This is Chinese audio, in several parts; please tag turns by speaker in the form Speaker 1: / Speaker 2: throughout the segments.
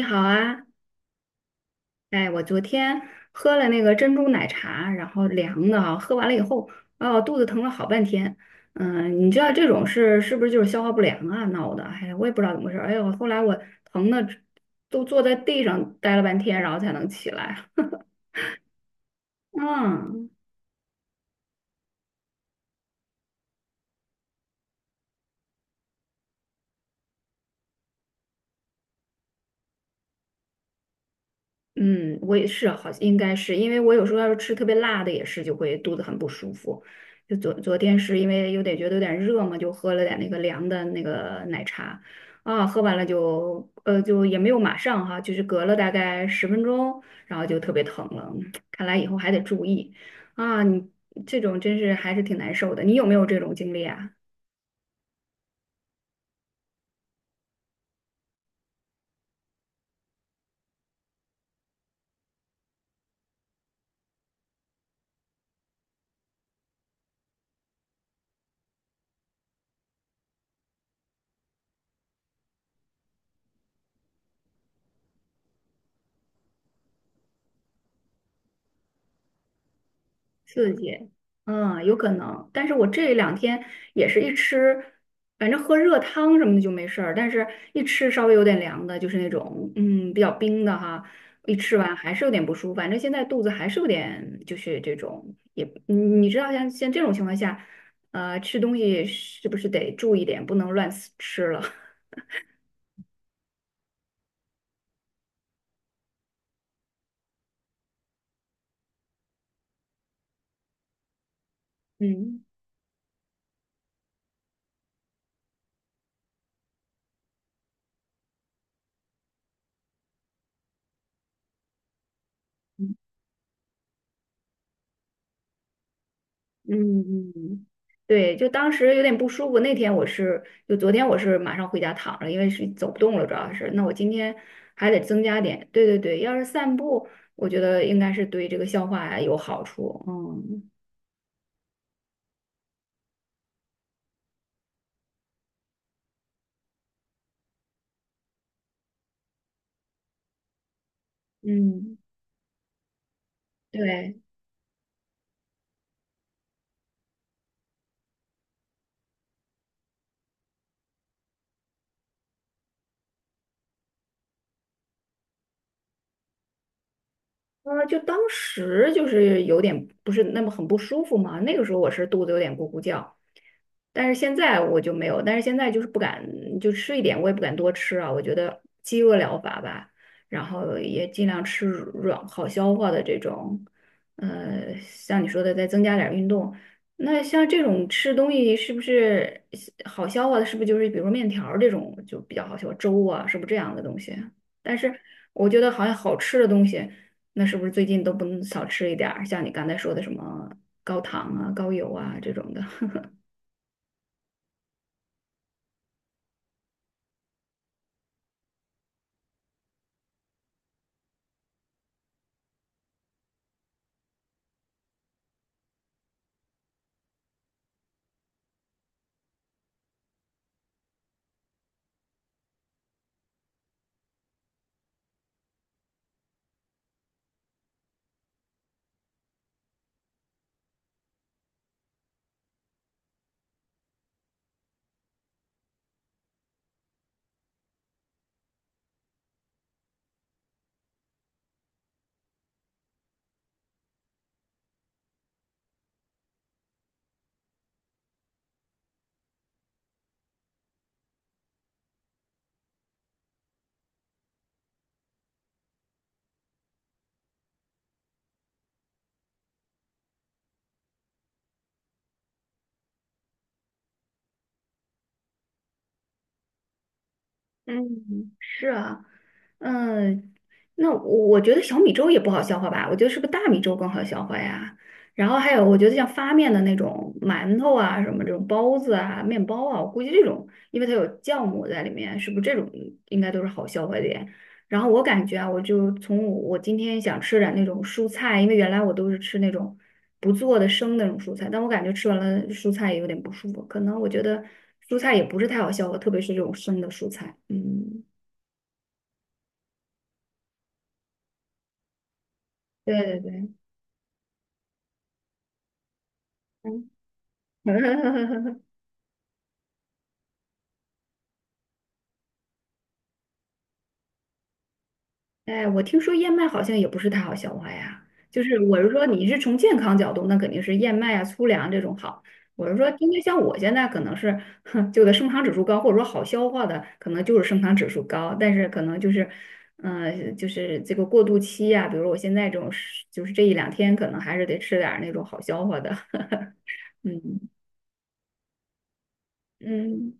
Speaker 1: 你好啊，哎，我昨天喝了那个珍珠奶茶，然后凉的啊，喝完了以后，哦，肚子疼了好半天。嗯，你知道这种是不是就是消化不良啊闹的？哎呀，我也不知道怎么回事儿。哎呦，后来我疼的都坐在地上待了半天，然后才能起来。嗯。嗯，我也是，好像应该是，因为我有时候要是吃特别辣的，也是就会肚子很不舒服。就昨天是因为有点觉得有点热嘛，就喝了点那个凉的那个奶茶，啊，喝完了就也没有马上哈，就是隔了大概10分钟，然后就特别疼了。看来以后还得注意啊，你这种真是还是挺难受的。你有没有这种经历啊？刺激，嗯，有可能。但是我这两天也是一吃，反正喝热汤什么的就没事儿，但是一吃稍微有点凉的，就是那种嗯比较冰的哈，一吃完还是有点不舒服。反正现在肚子还是有点，就是这种也，你知道像这种情况下，吃东西是不是得注意点，不能乱吃了？嗯。嗯嗯，对，就当时有点不舒服。那天我是，就昨天我是马上回家躺着，因为是走不动了，主要是。那我今天还得增加点。对对对，要是散步，我觉得应该是对这个消化呀有好处。嗯嗯，对，就当时就是有点不是那么很不舒服嘛。那个时候我是肚子有点咕咕叫，但是现在我就没有，但是现在就是不敢，就吃一点，我也不敢多吃啊。我觉得饥饿疗法吧，然后也尽量吃软好消化的这种，像你说的再增加点儿运动。那像这种吃东西是不是好消化的？是不是就是比如说面条儿这种就比较好消化，粥啊，是不是这样的东西？但是我觉得好像好吃的东西，那是不是最近都不能少吃一点儿？像你刚才说的什么高糖啊、高油啊这种的。嗯，是啊，嗯，那我觉得小米粥也不好消化吧，我觉得是不是大米粥更好消化呀？然后还有，我觉得像发面的那种馒头啊，什么这种包子啊、面包啊，我估计这种，因为它有酵母在里面，是不是这种应该都是好消化的？呀？然后我感觉啊，我就从我今天想吃点那种蔬菜，因为原来我都是吃那种不做的生的那种蔬菜，但我感觉吃完了蔬菜也有点不舒服，可能我觉得蔬菜也不是太好消化，特别是这种生的蔬菜。嗯，对对对，嗯，哎，我听说燕麦好像也不是太好消化呀，就是我是说，你是从健康角度，那肯定是燕麦啊、粗粮这种好。我是说，因为像我现在可能是，哼，就的升糖指数高，或者说好消化的，可能就是升糖指数高，但是可能就是，嗯，就是这个过渡期呀、比如说我现在这种是，就是这一两天可能还是得吃点儿那种好消化的，嗯嗯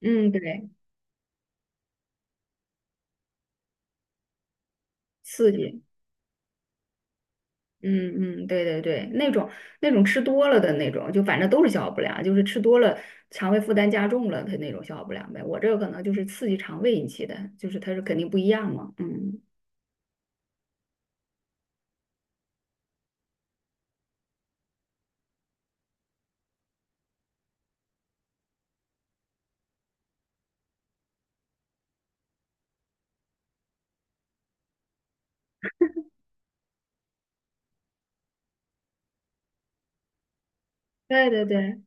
Speaker 1: 嗯，对，刺激。嗯嗯，对对对，那种吃多了的那种，就反正都是消化不良，就是吃多了，肠胃负担加重了，它那种消化不良呗。我这个可能就是刺激肠胃引起的，就是它是肯定不一样嘛。嗯，对对对，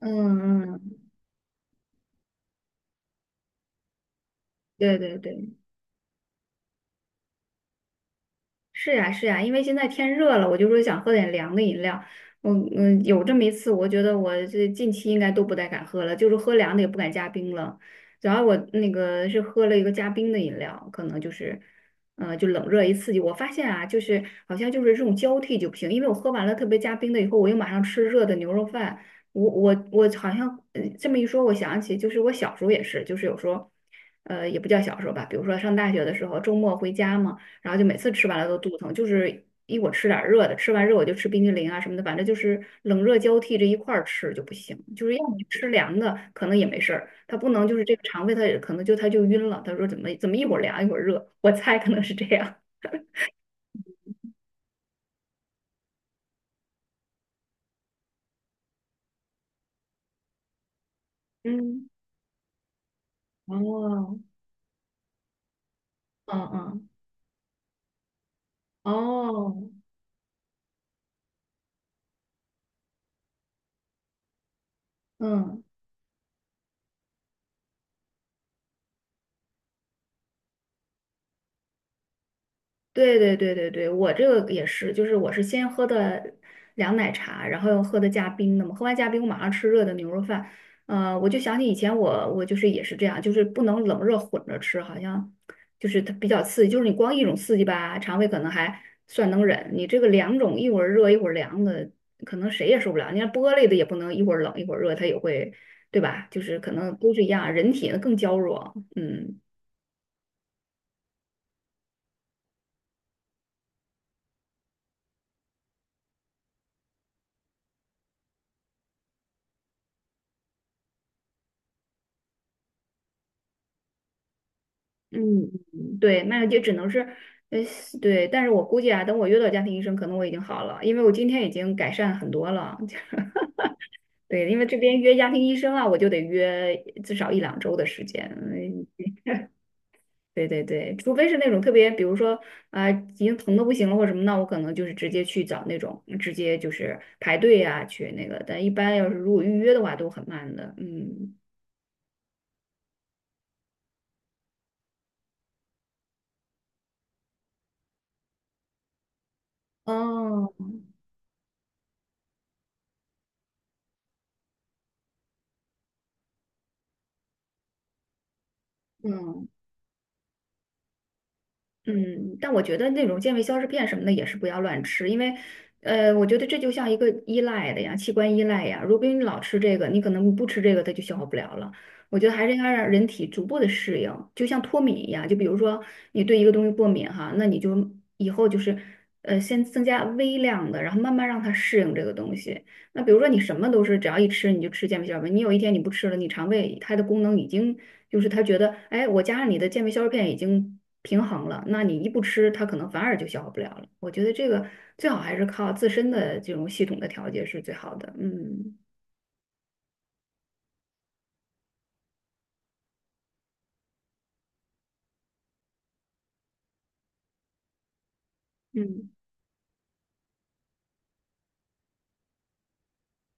Speaker 1: 嗯嗯，对对对。是呀，是呀，因为现在天热了，我就说想喝点凉的饮料。我嗯，有这么一次，我觉得我这近期应该都不太敢喝了，就是喝凉的也不敢加冰了。主要我那个是喝了一个加冰的饮料，可能就是，就冷热一刺激。我发现啊，就是好像就是这种交替就不行，因为我喝完了特别加冰的以后，我又马上吃热的牛肉饭。我好像这么一说，我想起就是我小时候也是，就是有时候，也不叫小时候吧，比如说上大学的时候，周末回家嘛。然后就每次吃完了都肚疼，就是一我吃点儿热的，吃完热我就吃冰激凌啊什么的，反正就是冷热交替这一块儿吃就不行，就是要么吃凉的可能也没事儿，它不能就是这个肠胃他也可能就他就晕了，他说怎么一会儿凉一会儿热，我猜可能是这样，嗯，哦，嗯嗯，哦，嗯。对对对对对，我这个也是，就是我是先喝的凉奶茶，然后又喝的加冰的嘛，喝完加冰我马上吃热的牛肉饭。我就想起以前我就是也是这样，就是不能冷热混着吃，好像就是它比较刺激，就是你光一种刺激吧，肠胃可能还算能忍，你这个两种一会儿热一会儿凉的，可能谁也受不了。你看玻璃的也不能一会儿冷一会儿热，它也会，对吧？就是可能都是一样，人体更娇弱，嗯。嗯，嗯对，那就只能是，呃，对，但是我估计啊，等我约到家庭医生，可能我已经好了，因为我今天已经改善很多了。对，因为这边约家庭医生啊，我就得约至少一两周的时间。嗯，对对对，除非是那种特别，比如说啊、已经疼的不行了或者什么，那我可能就是直接去找那种，直接就是排队啊去那个。但一般要是如果预约的话，都很慢的。嗯，哦，嗯。嗯，但我觉得那种健胃消食片什么的也是不要乱吃，因为，我觉得这就像一个依赖的呀，器官依赖呀。如果你老吃这个，你可能不吃这个，它就消化不了了。我觉得还是应该让人体逐步的适应，就像脱敏一样。就比如说你对一个东西过敏哈，那你就以后就是，先增加微量的，然后慢慢让它适应这个东西。那比如说你什么都是只要一吃你就吃健胃消化片，你有一天你不吃了，你肠胃它的功能已经就是它觉得，哎，我加上你的健胃消化片已经平衡了，那你一不吃，它可能反而就消化不了了。我觉得这个最好还是靠自身的这种系统的调节是最好的。嗯嗯。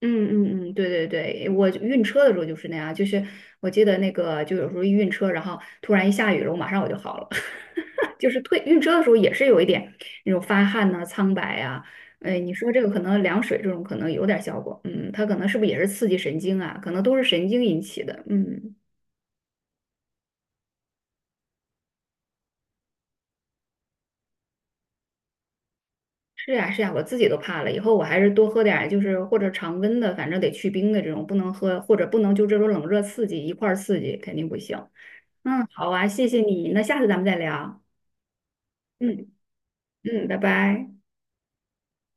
Speaker 1: 嗯嗯嗯，对对对，我晕车的时候就是那样，就是我记得那个，就有时候一晕车，然后突然一下雨了，我马上就好了，就是退晕车的时候也是有一点那种发汗呐、苍白啊，哎，你说这个可能凉水这种可能有点效果，嗯，它可能是不是也是刺激神经啊？可能都是神经引起的，嗯，是呀是呀，我自己都怕了，以后我还是多喝点儿，就是或者常温的，反正得去冰的这种，不能喝或者不能就这种冷热刺激一块儿刺激，肯定不行。嗯，好啊，谢谢你，那下次咱们再聊。嗯嗯，拜拜。